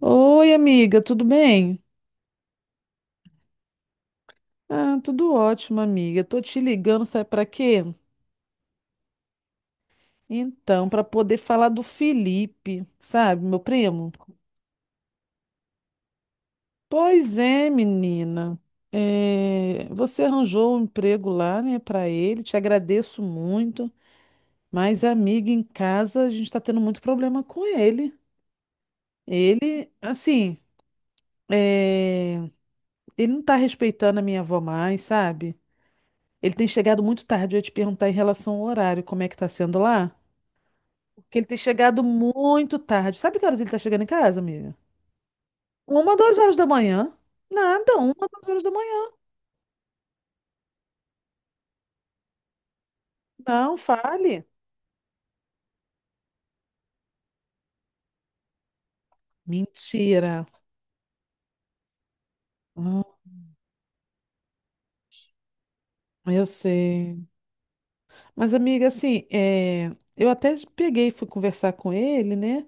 Oi, amiga, tudo bem? Ah, tudo ótimo, amiga. Tô te ligando, sabe pra quê? Então, pra poder falar do Felipe, sabe, meu primo? Pois é, menina. É, você arranjou um emprego lá, né, pra ele. Te agradeço muito. Mas, amiga, em casa a gente tá tendo muito problema com ele. Ele, assim, é, ele não tá respeitando a minha avó mais, sabe? Ele tem chegado muito tarde. Eu ia te perguntar em relação ao horário, como é que tá sendo lá? Que ele tem chegado muito tarde. Sabe que horas ele tá chegando em casa, amiga? Uma, duas horas da manhã. Nada, uma, duas horas da manhã. Não, fale. Mentira. Hum, eu sei. Mas, amiga, assim, eu até peguei e fui conversar com ele, né?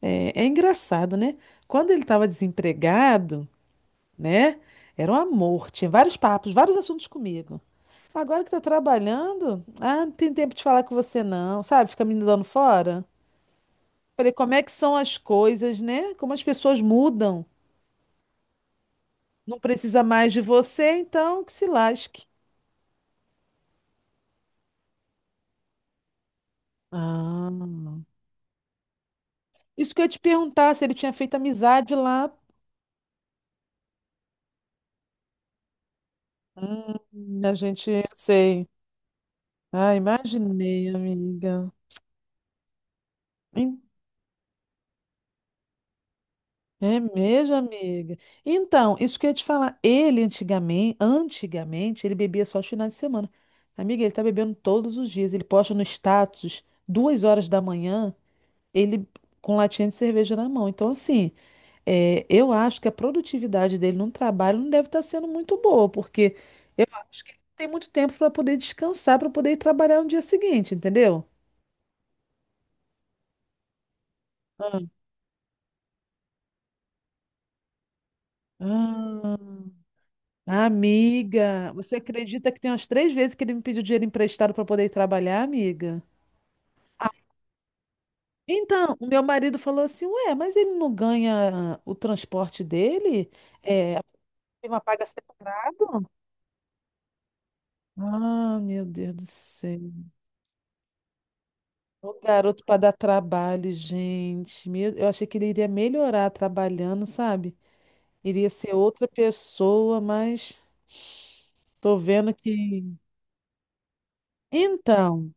É engraçado, né? Quando ele estava desempregado, né? Era um amor. Tinha vários papos, vários assuntos comigo. Agora que tá trabalhando, ah, não tem tempo de falar com você, não. Sabe? Fica me dando fora. Falei, como é que são as coisas, né? Como as pessoas mudam. Não precisa mais de você, então que se lasque. Ah, isso que eu ia te perguntar, se ele tinha feito amizade lá. Hum, eu sei. Ah, imaginei, amiga. Em- É mesmo, amiga. Então, isso que eu ia te falar. Ele antigamente, antigamente, ele bebia só os finais de semana. Amiga, ele tá bebendo todos os dias. Ele posta no status, 2 horas da manhã. Ele com latinha de cerveja na mão. Então, assim, eu acho que a produtividade dele no trabalho não deve estar sendo muito boa, porque eu acho que ele tem muito tempo para poder descansar, para poder ir trabalhar no dia seguinte, entendeu? Ah, amiga, você acredita que tem umas três vezes que ele me pediu dinheiro emprestado para poder ir trabalhar, amiga? Então, o meu marido falou assim: Ué, mas ele não ganha o transporte dele? É, uma paga separado? Ah, meu Deus do céu. O garoto para dar trabalho, gente. Eu achei que ele iria melhorar trabalhando, sabe? Iria ser outra pessoa, mas tô vendo que. Então,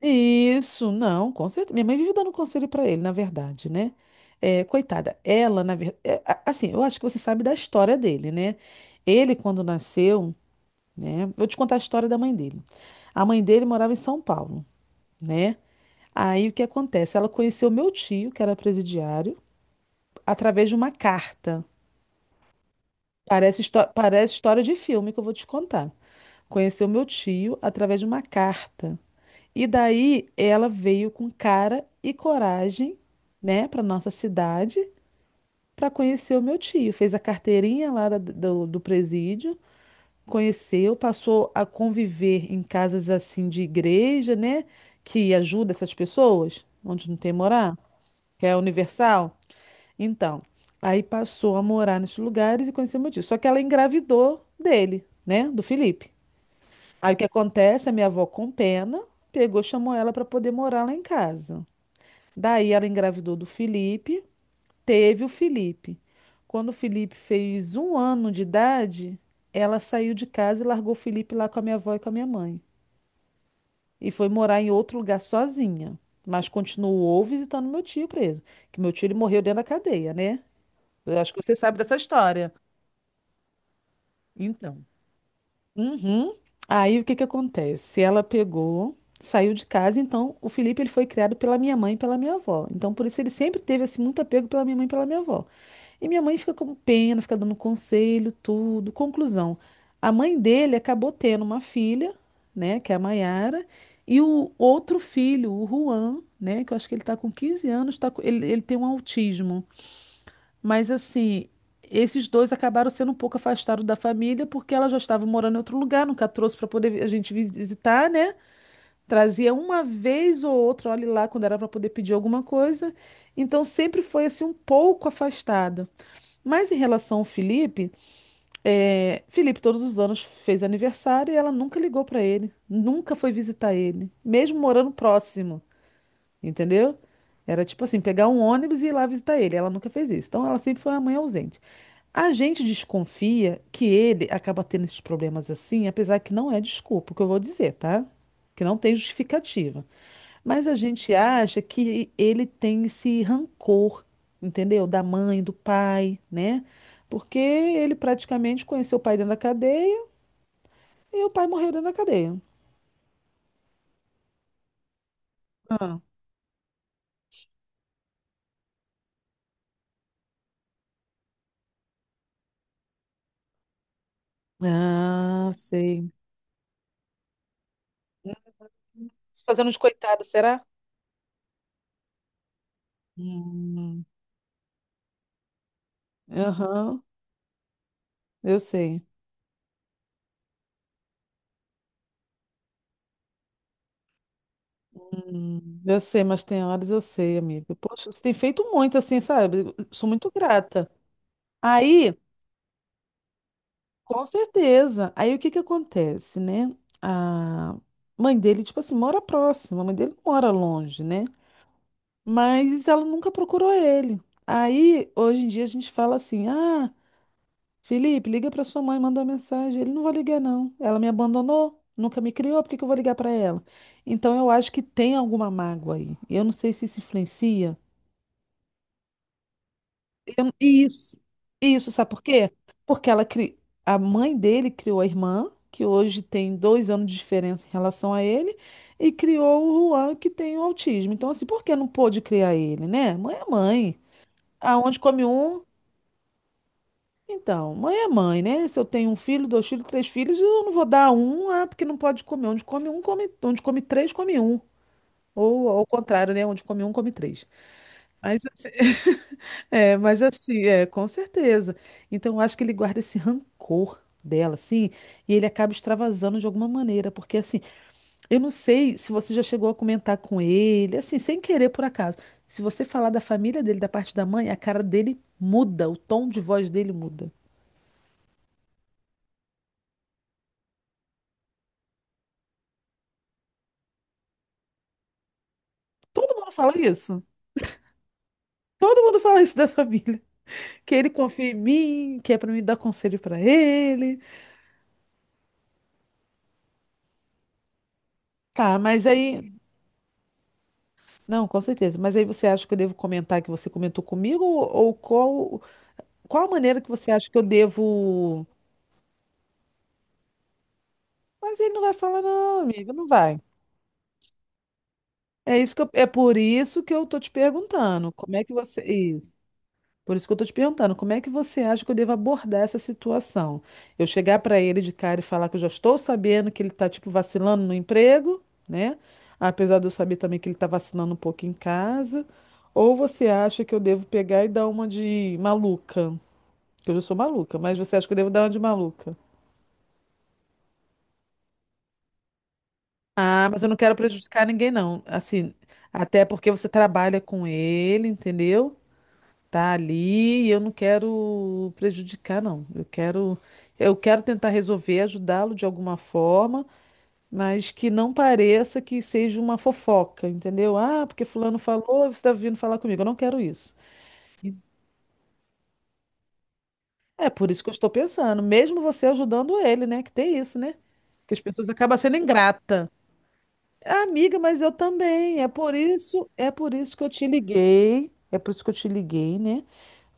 isso, não, com certeza. Minha mãe vive dando conselho para ele, na verdade, né? É, coitada, ela, na verdade. Assim, eu acho que você sabe da história dele, né? Ele, quando nasceu, né? Vou te contar a história da mãe dele. A mãe dele morava em São Paulo, né? Aí o que acontece? Ela conheceu meu tio, que era presidiário, através de uma carta. Parece história de filme que eu vou te contar. Conheceu meu tio através de uma carta. E daí ela veio com cara e coragem, né, para nossa cidade, para conhecer o meu tio. Fez a carteirinha lá do presídio, conheceu, passou a conviver em casas assim de igreja, né, que ajuda essas pessoas, onde não tem morar, que é universal. Então, aí passou a morar nesses lugares e conheceu meu tio. Só que ela engravidou dele, né? Do Felipe. Aí o que acontece? A minha avó, com pena, pegou, chamou ela para poder morar lá em casa. Daí ela engravidou do Felipe, teve o Felipe. Quando o Felipe fez 1 ano de idade, ela saiu de casa e largou o Felipe lá com a minha avó e com a minha mãe. E foi morar em outro lugar sozinha. Mas continuou visitando meu tio preso. Que meu tio ele morreu dentro da cadeia, né? Eu acho que você sabe dessa história. Então. Uhum. Aí o que que acontece? Ela pegou, saiu de casa, então o Felipe ele foi criado pela minha mãe e pela minha avó. Então por isso ele sempre teve assim muito apego pela minha mãe e pela minha avó. E minha mãe fica com pena, fica dando conselho, tudo. Conclusão, a mãe dele acabou tendo uma filha, né, que é a Maiara, e o outro filho, o Juan, né, que eu acho que ele tá com 15 anos, ele tem um autismo. Mas assim, esses dois acabaram sendo um pouco afastados da família, porque ela já estava morando em outro lugar, nunca trouxe para poder visitar, né? Trazia uma vez ou outra, olha lá, quando era para poder pedir alguma coisa. Então sempre foi assim um pouco afastada. Mas em relação ao Felipe, é, Felipe todos os anos fez aniversário e ela nunca ligou para ele, nunca foi visitar ele, mesmo morando próximo, entendeu? Era tipo assim, pegar um ônibus e ir lá visitar ele. Ela nunca fez isso. Então ela sempre foi uma mãe ausente. A gente desconfia que ele acaba tendo esses problemas assim, apesar que não é desculpa, o que eu vou dizer, tá? Que não tem justificativa. Mas a gente acha que ele tem esse rancor, entendeu? Da mãe, do pai, né? Porque ele praticamente conheceu o pai dentro da cadeia e o pai morreu dentro da cadeia. Ah, Ah, sei. Se fazendo de coitado, será? Hum, aham, eu sei. Eu sei, mas tem horas eu sei, amiga. Poxa, você tem feito muito assim, sabe? Eu sou muito grata. Aí, com certeza. Aí o que que acontece, né? A mãe dele, tipo assim, mora próxima. A mãe dele não mora longe, né? Mas ela nunca procurou ele. Aí, hoje em dia, a gente fala assim: Ah, Felipe, liga pra sua mãe, manda uma mensagem. Ele não vai ligar, não. Ela me abandonou, nunca me criou, por que que eu vou ligar pra ela? Então, eu acho que tem alguma mágoa aí. Eu não sei se isso influencia. Isso, isso, sabe por quê? Porque a mãe dele criou a irmã, que hoje tem 2 anos de diferença em relação a ele, e criou o Juan, que tem o autismo. Então, assim, por que não pôde criar ele, né? Mãe é mãe. Aonde come um? Então, mãe é mãe, né? Se eu tenho um filho, dois filhos, três filhos, eu não vou dar um, ah, porque não pode comer. Onde come um, come. Onde come três, come um. Ou ao contrário, né? Onde come um, come três. Mas. É, mas assim, é, com certeza. Então, eu acho que ele guarda esse rancor dela, assim, e ele acaba extravasando de alguma maneira, porque assim, eu não sei se você já chegou a comentar com ele, assim, sem querer por acaso. Se você falar da família dele, da parte da mãe, a cara dele muda, o tom de voz dele muda. Todo mundo fala isso. Todo mundo fala isso da família, que ele confia em mim, que é pra mim dar conselho pra ele. Tá, mas aí, não, com certeza. Mas aí você acha que eu devo comentar que você comentou comigo ou qual a maneira que você acha que eu devo? Mas ele não vai falar, não, amiga, não vai. É por isso que eu tô te perguntando. Como é que você. Isso. Por isso que eu tô te perguntando, como é que você acha que eu devo abordar essa situação? Eu chegar para ele de cara e falar que eu já estou sabendo que ele tá, tipo, vacilando no emprego, né? Apesar de eu saber também que ele tá vacilando um pouco em casa. Ou você acha que eu devo pegar e dar uma de maluca? Que eu já sou maluca, mas você acha que eu devo dar uma de maluca? Ah, mas eu não quero prejudicar ninguém, não. Assim, até porque você trabalha com ele, entendeu? Tá ali, e eu não quero prejudicar, não. Eu quero tentar resolver, ajudá-lo de alguma forma, mas que não pareça que seja uma fofoca, entendeu? Ah, porque fulano falou, você está vindo falar comigo. Eu não quero isso. É por isso que eu estou pensando, mesmo você ajudando ele, né? Que tem isso, né? Que as pessoas acabam sendo ingrata. Amiga, mas eu também. É por isso que eu te liguei. É por isso que eu te liguei, né?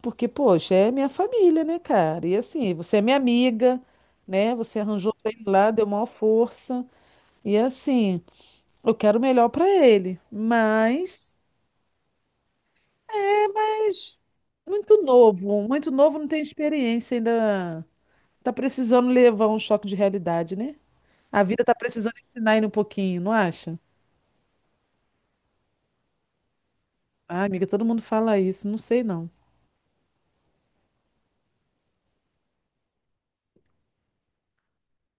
Porque, poxa, é minha família, né, cara? E assim, você é minha amiga, né? Você arranjou pra ele lá, deu maior força. E assim, eu quero o melhor pra ele. Mas muito novo, não tem experiência ainda. Tá precisando levar um choque de realidade, né? A vida tá precisando ensinar ele um pouquinho, não acha? Ah, amiga, todo mundo fala isso, não sei não.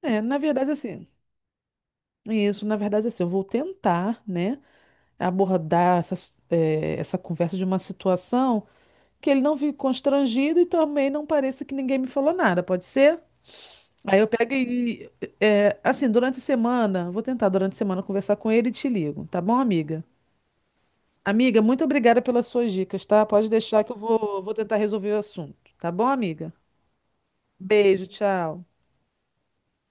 É, na verdade, assim. Isso, na verdade, assim, eu vou tentar, né, abordar essa conversa de uma situação que ele não fique constrangido e também não pareça que ninguém me falou nada, pode ser? Aí eu pego e, assim, durante a semana, vou tentar durante a semana conversar com ele e te ligo, tá bom, amiga? Amiga, muito obrigada pelas suas dicas, tá? Pode deixar que eu vou, tentar resolver o assunto, tá bom, amiga? Beijo, tchau.